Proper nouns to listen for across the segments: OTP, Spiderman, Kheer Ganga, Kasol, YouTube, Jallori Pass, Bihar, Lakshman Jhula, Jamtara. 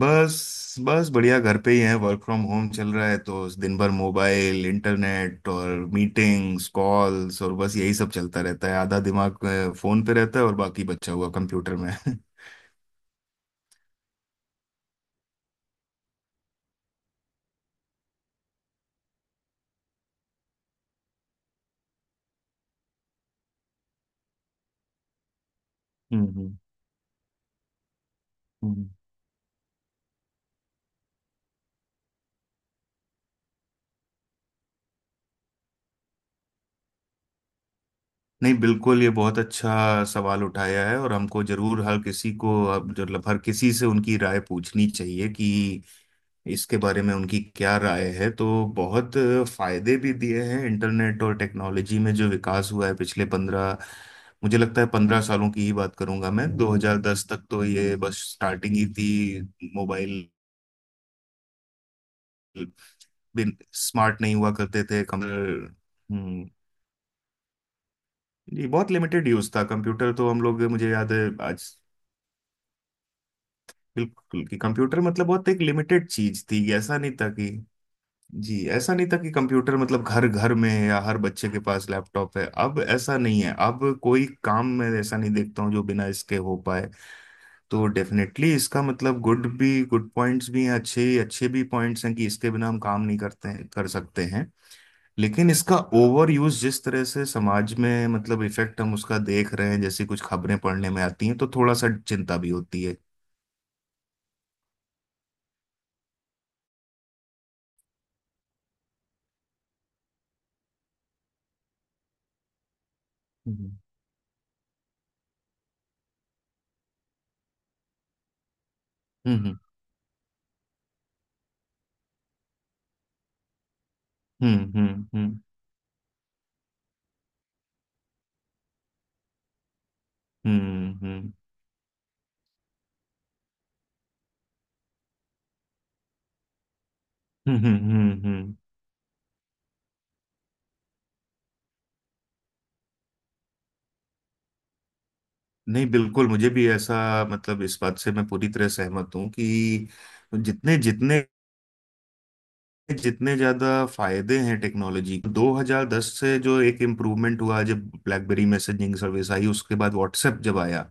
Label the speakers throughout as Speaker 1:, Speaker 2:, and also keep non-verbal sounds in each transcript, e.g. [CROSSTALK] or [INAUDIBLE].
Speaker 1: बस बस बढ़िया। घर पे ही है, वर्क फ्रॉम होम चल रहा है, तो दिन भर मोबाइल इंटरनेट और मीटिंग्स कॉल्स, और बस यही सब चलता रहता है। आधा दिमाग फोन पे रहता है और बाकी बचा हुआ कंप्यूटर में। [LAUGHS] हम्म। हम्म। हम्म। नहीं, बिल्कुल, ये बहुत अच्छा सवाल उठाया है, और हमको जरूर हर किसी को, अब मतलब हर किसी से उनकी राय पूछनी चाहिए कि इसके बारे में उनकी क्या राय है। तो बहुत फायदे भी दिए हैं इंटरनेट और टेक्नोलॉजी में, जो विकास हुआ है पिछले पंद्रह मुझे लगता है 15 सालों की ही बात करूंगा। मैं 2010 तक तो ये बस स्टार्टिंग ही थी मोबाइल। बिन स्मार्ट नहीं हुआ करते थे कंप्यूटर। हम्म। जी, बहुत लिमिटेड यूज था कंप्यूटर तो। हम लोग, मुझे याद है आज बिल्कुल, कि कंप्यूटर मतलब बहुत एक लिमिटेड चीज थी, ऐसा नहीं था कि। जी, ऐसा नहीं था कि कंप्यूटर मतलब घर घर में है या हर बच्चे के पास लैपटॉप है। अब ऐसा नहीं है, अब कोई काम मैं ऐसा नहीं देखता हूँ जो बिना इसके हो पाए। तो डेफिनेटली इसका मतलब गुड पॉइंट्स भी हैं, अच्छे अच्छे भी पॉइंट्स हैं, कि इसके बिना हम काम नहीं करते हैं, कर सकते हैं। लेकिन इसका ओवर यूज जिस तरह से समाज में मतलब इफेक्ट हम उसका देख रहे हैं, जैसी कुछ खबरें पढ़ने में आती हैं, तो थोड़ा सा चिंता भी होती है। हम्म। हम्म हम्म हम्म हम्म हम्म हम्म हम्म। नहीं, बिल्कुल मुझे भी ऐसा, मतलब इस बात से मैं पूरी तरह सहमत हूँ कि जितने जितने जितने ज्यादा फायदे हैं टेक्नोलॉजी 2010 से जो एक इम्प्रूवमेंट हुआ, जब ब्लैकबेरी मैसेजिंग सर्विस आई, उसके बाद व्हाट्सएप जब आया,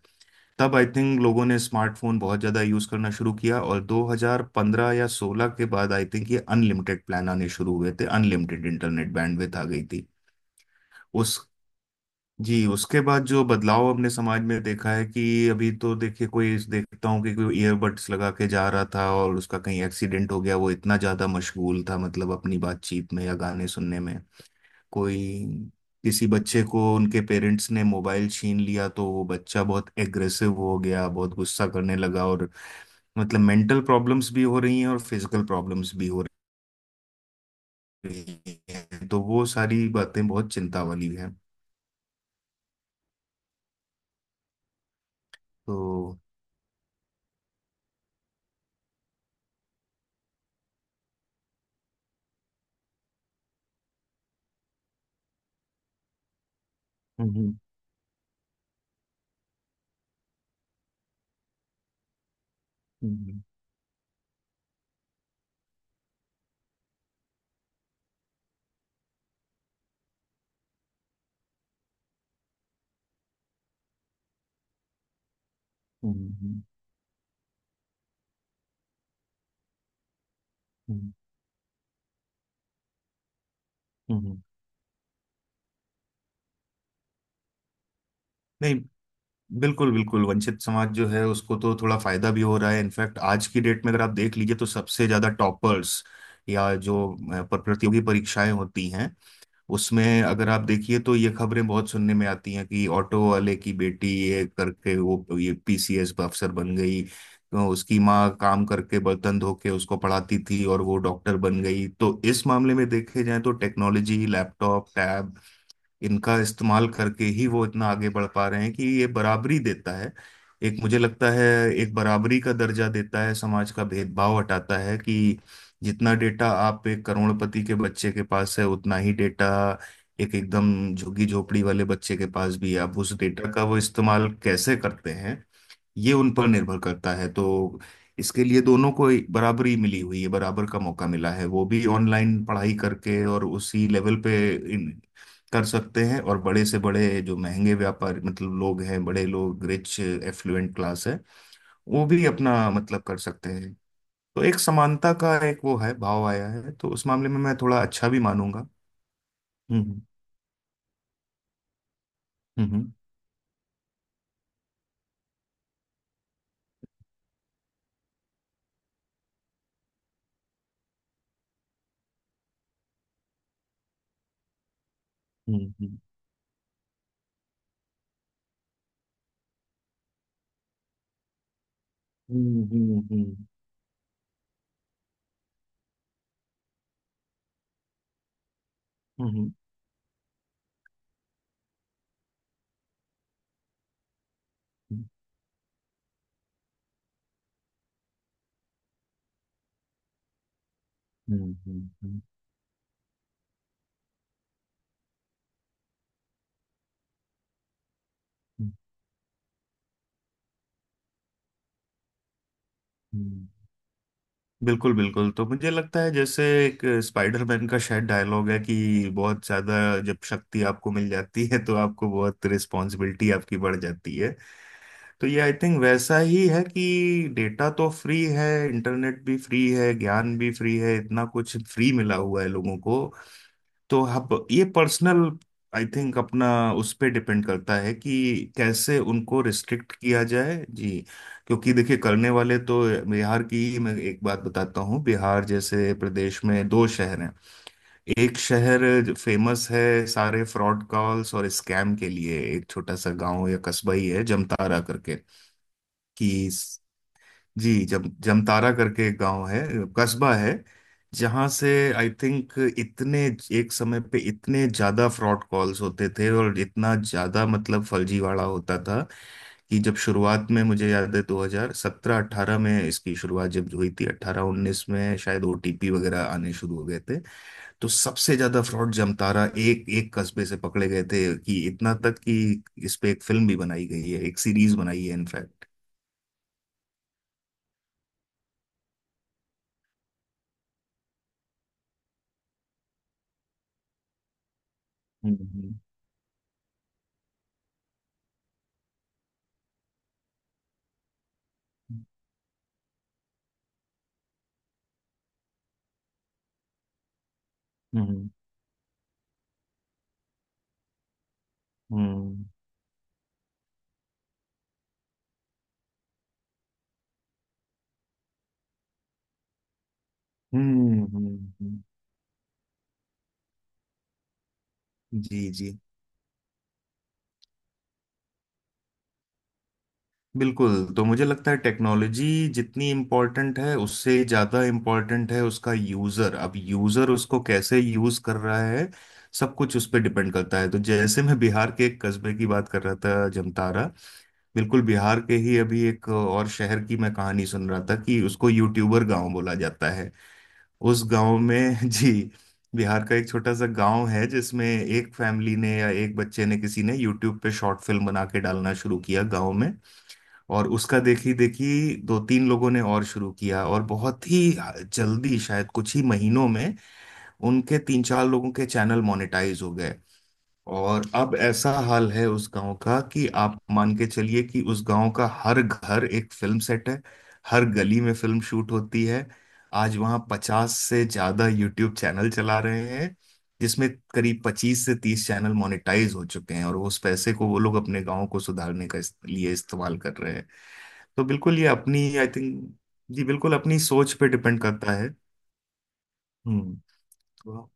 Speaker 1: तब आई थिंक लोगों ने स्मार्टफोन बहुत ज्यादा यूज करना शुरू किया। और 2015 या 16 के बाद आई थिंक ये अनलिमिटेड प्लान आने शुरू हुए थे, अनलिमिटेड इंटरनेट बैंडविड्थ आ गई थी। उस जी, उसके बाद जो बदलाव हमने समाज में देखा है कि, अभी तो देखिए, कोई देखता हूँ कि कोई ईयरबड्स लगा के जा रहा था और उसका कहीं एक्सीडेंट हो गया, वो इतना ज्यादा मशगूल था, मतलब अपनी बातचीत में या गाने सुनने में। कोई किसी बच्चे को उनके पेरेंट्स ने मोबाइल छीन लिया तो वो बच्चा बहुत एग्रेसिव हो गया, बहुत गुस्सा करने लगा। और मतलब मेंटल प्रॉब्लम्स भी हो रही हैं, और फिजिकल प्रॉब्लम्स भी हो रही हैं, तो वो सारी बातें बहुत चिंता वाली हैं। तो। हम्म हम्म हम्म, हम्म, हम्म। हम्म, हम्म। नहीं, बिल्कुल बिल्कुल, वंचित समाज जो है उसको तो थोड़ा फायदा भी हो रहा है। इनफैक्ट आज की डेट में अगर आप देख लीजिए तो सबसे ज्यादा टॉपर्स, या जो प्रतियोगी परीक्षाएं होती हैं, उसमें अगर आप देखिए तो ये खबरें बहुत सुनने में आती हैं कि ऑटो वाले की बेटी ये करके वो ये पीसीएस अफसर बन गई, तो उसकी माँ काम करके बर्तन धो के उसको पढ़ाती थी और वो डॉक्टर बन गई। तो इस मामले में देखे जाए तो टेक्नोलॉजी, लैपटॉप, टैब, इनका इस्तेमाल करके ही वो इतना आगे बढ़ पा रहे हैं, कि ये बराबरी देता है। एक मुझे लगता है एक बराबरी का दर्जा देता है, समाज का भेदभाव हटाता है, कि जितना डेटा आप एक करोड़पति के बच्चे के पास है, उतना ही डेटा एक एकदम झुग्गी झोपड़ी वाले बच्चे के पास भी है। अब उस डेटा का वो इस्तेमाल कैसे करते हैं, ये उन पर निर्भर करता है। तो इसके लिए दोनों को बराबरी मिली हुई है, बराबर का मौका मिला है, वो भी ऑनलाइन पढ़ाई करके और उसी लेवल पे इन, कर सकते हैं। और बड़े से बड़े जो महंगे व्यापार मतलब लोग हैं, बड़े लोग, रिच एफ्लुएंट क्लास है, वो भी अपना मतलब कर सकते हैं। तो एक समानता का एक वो है, भाव आया है, तो उस मामले में मैं थोड़ा अच्छा भी मानूंगा। हम्म हम्म हम्म हम्म हम्म हम्म हम्म हम्म हम्म हम्म। बिल्कुल बिल्कुल, तो मुझे लगता है जैसे एक स्पाइडरमैन का शायद डायलॉग है कि बहुत ज्यादा जब शक्ति आपको मिल जाती है तो आपको बहुत रिस्पॉन्सिबिलिटी, आपकी बढ़ जाती है। तो ये आई थिंक वैसा ही है कि डेटा तो फ्री है, इंटरनेट भी फ्री है, ज्ञान भी फ्री है, इतना कुछ फ्री मिला हुआ है लोगों को। तो अब ये पर्सनल, आई थिंक अपना, उस पे डिपेंड करता है कि कैसे उनको रिस्ट्रिक्ट किया जाए। जी, क्योंकि देखिए करने वाले तो, बिहार की ही मैं एक बात बताता हूँ। बिहार जैसे प्रदेश में दो शहर हैं, एक शहर फेमस है सारे फ्रॉड कॉल्स और स्कैम के लिए, एक छोटा सा गांव या कस्बा ही है, जमतारा करके। कि जी, जम जमतारा करके एक गांव है, कस्बा है, जहां से आई थिंक इतने एक समय पे इतने ज्यादा फ्रॉड कॉल्स होते थे, और इतना ज्यादा मतलब फर्जीवाड़ा होता था, कि जब शुरुआत में मुझे याद है 2017 18 में इसकी शुरुआत जब हुई थी, 18 19 में शायद ओटीपी वगैरह आने शुरू हो गए थे, तो सबसे ज्यादा फ्रॉड जमतारा, एक एक कस्बे से पकड़े गए थे, कि इतना तक कि इस पे एक फिल्म भी बनाई गई है, एक सीरीज बनाई है इनफैक्ट। हम्म हम्म हम्म। हम्म हम्म हम्म, हम्म, हम्म। जी जी, बिल्कुल, तो मुझे लगता है टेक्नोलॉजी जितनी इम्पोर्टेंट है, उससे ज़्यादा इम्पोर्टेंट है उसका यूज़र। अब यूज़र उसको कैसे यूज़ कर रहा है, सब कुछ उस पर डिपेंड करता है। तो जैसे मैं बिहार के एक कस्बे की बात कर रहा था, जमतारा। बिल्कुल, बिहार के ही अभी एक और शहर की मैं कहानी सुन रहा था, कि उसको यूट्यूबर गांव बोला जाता है। उस गांव में [LAUGHS] जी, बिहार का एक छोटा सा गांव है जिसमें एक फैमिली ने, या एक बच्चे ने, किसी ने यूट्यूब पे शॉर्ट फिल्म बना के डालना शुरू किया गांव में, और उसका देखी देखी दो तीन लोगों ने और शुरू किया। और बहुत ही जल्दी शायद कुछ ही महीनों में उनके तीन चार लोगों के चैनल मोनेटाइज हो गए, और अब ऐसा हाल है उस गांव का, कि आप मान के चलिए कि उस गांव का हर घर एक फिल्म सेट है, हर गली में फिल्म शूट होती है। आज वहां 50 से ज्यादा यूट्यूब चैनल चला रहे हैं, जिसमें करीब 25 से 30 चैनल मोनेटाइज हो चुके हैं, और उस पैसे को वो लोग अपने गांव को सुधारने का लिए इस्तेमाल कर रहे हैं। तो बिल्कुल ये अपनी आई थिंक, जी बिल्कुल अपनी सोच पे डिपेंड करता है। हम्म। तो-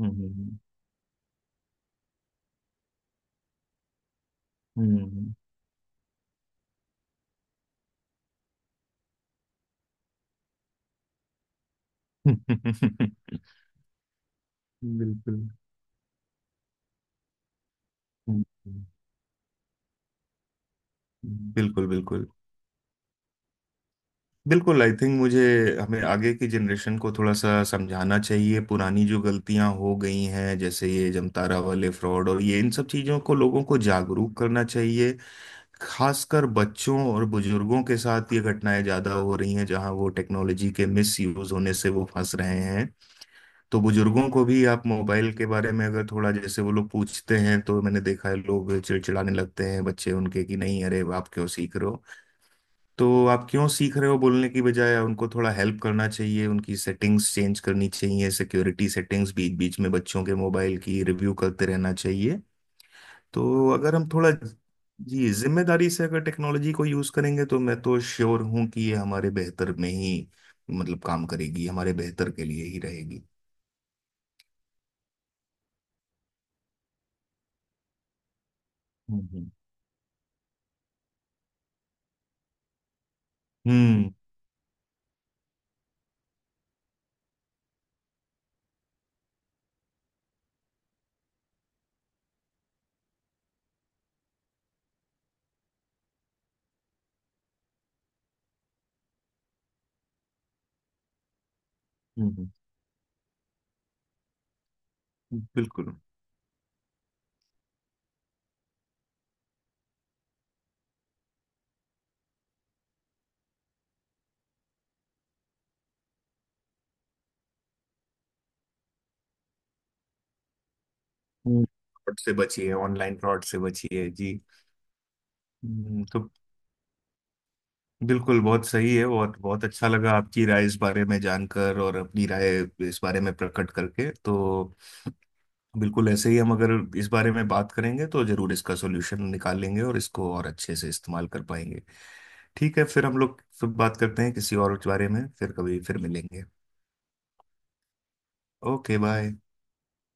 Speaker 1: हम्म हम्म हम्म हम्म, [LAUGHS] बिल्कुल बिल्कुल। बिल्कुल बिल्कुल आई थिंक मुझे, हमें आगे की जनरेशन को थोड़ा सा समझाना चाहिए पुरानी जो गलतियां हो गई हैं, जैसे ये जमतारा वाले फ्रॉड, और ये इन सब चीजों को लोगों को जागरूक करना चाहिए। खासकर बच्चों और बुजुर्गों के साथ ये घटनाएं ज्यादा हो रही हैं, जहां वो टेक्नोलॉजी के मिस यूज होने से वो फंस रहे हैं। तो बुजुर्गों को भी आप मोबाइल के बारे में अगर थोड़ा, जैसे वो लोग पूछते हैं तो मैंने देखा है लोग चिड़चिड़ाने लगते हैं, बच्चे उनके, कि नहीं अरे आप क्यों सीख रहे हो। तो आप क्यों सीख रहे हो बोलने की बजाय उनको थोड़ा हेल्प करना चाहिए, उनकी सेटिंग्स चेंज करनी चाहिए, सिक्योरिटी सेटिंग्स, बीच बीच में बच्चों के मोबाइल की रिव्यू करते रहना चाहिए। तो अगर हम थोड़ा, जी, जिम्मेदारी से अगर टेक्नोलॉजी को यूज करेंगे तो मैं तो श्योर हूं कि ये हमारे बेहतर में ही, मतलब काम करेगी, हमारे बेहतर के लिए ही रहेगी। हम्म हम्म हम्म, बिल्कुल, फ्रॉड से बचिए, ऑनलाइन फ्रॉड से बचिए। जी। तो बिल्कुल बहुत सही है, और बहुत अच्छा लगा आपकी राय इस बारे में जानकर, और अपनी राय इस बारे में प्रकट करके। तो बिल्कुल ऐसे ही हम अगर इस बारे में बात करेंगे तो जरूर इसका सॉल्यूशन निकाल लेंगे, और इसको और अच्छे से इस्तेमाल कर पाएंगे। ठीक है, फिर हम लोग फिर बात करते हैं किसी और बारे में, फिर कभी फिर मिलेंगे। Okay bye.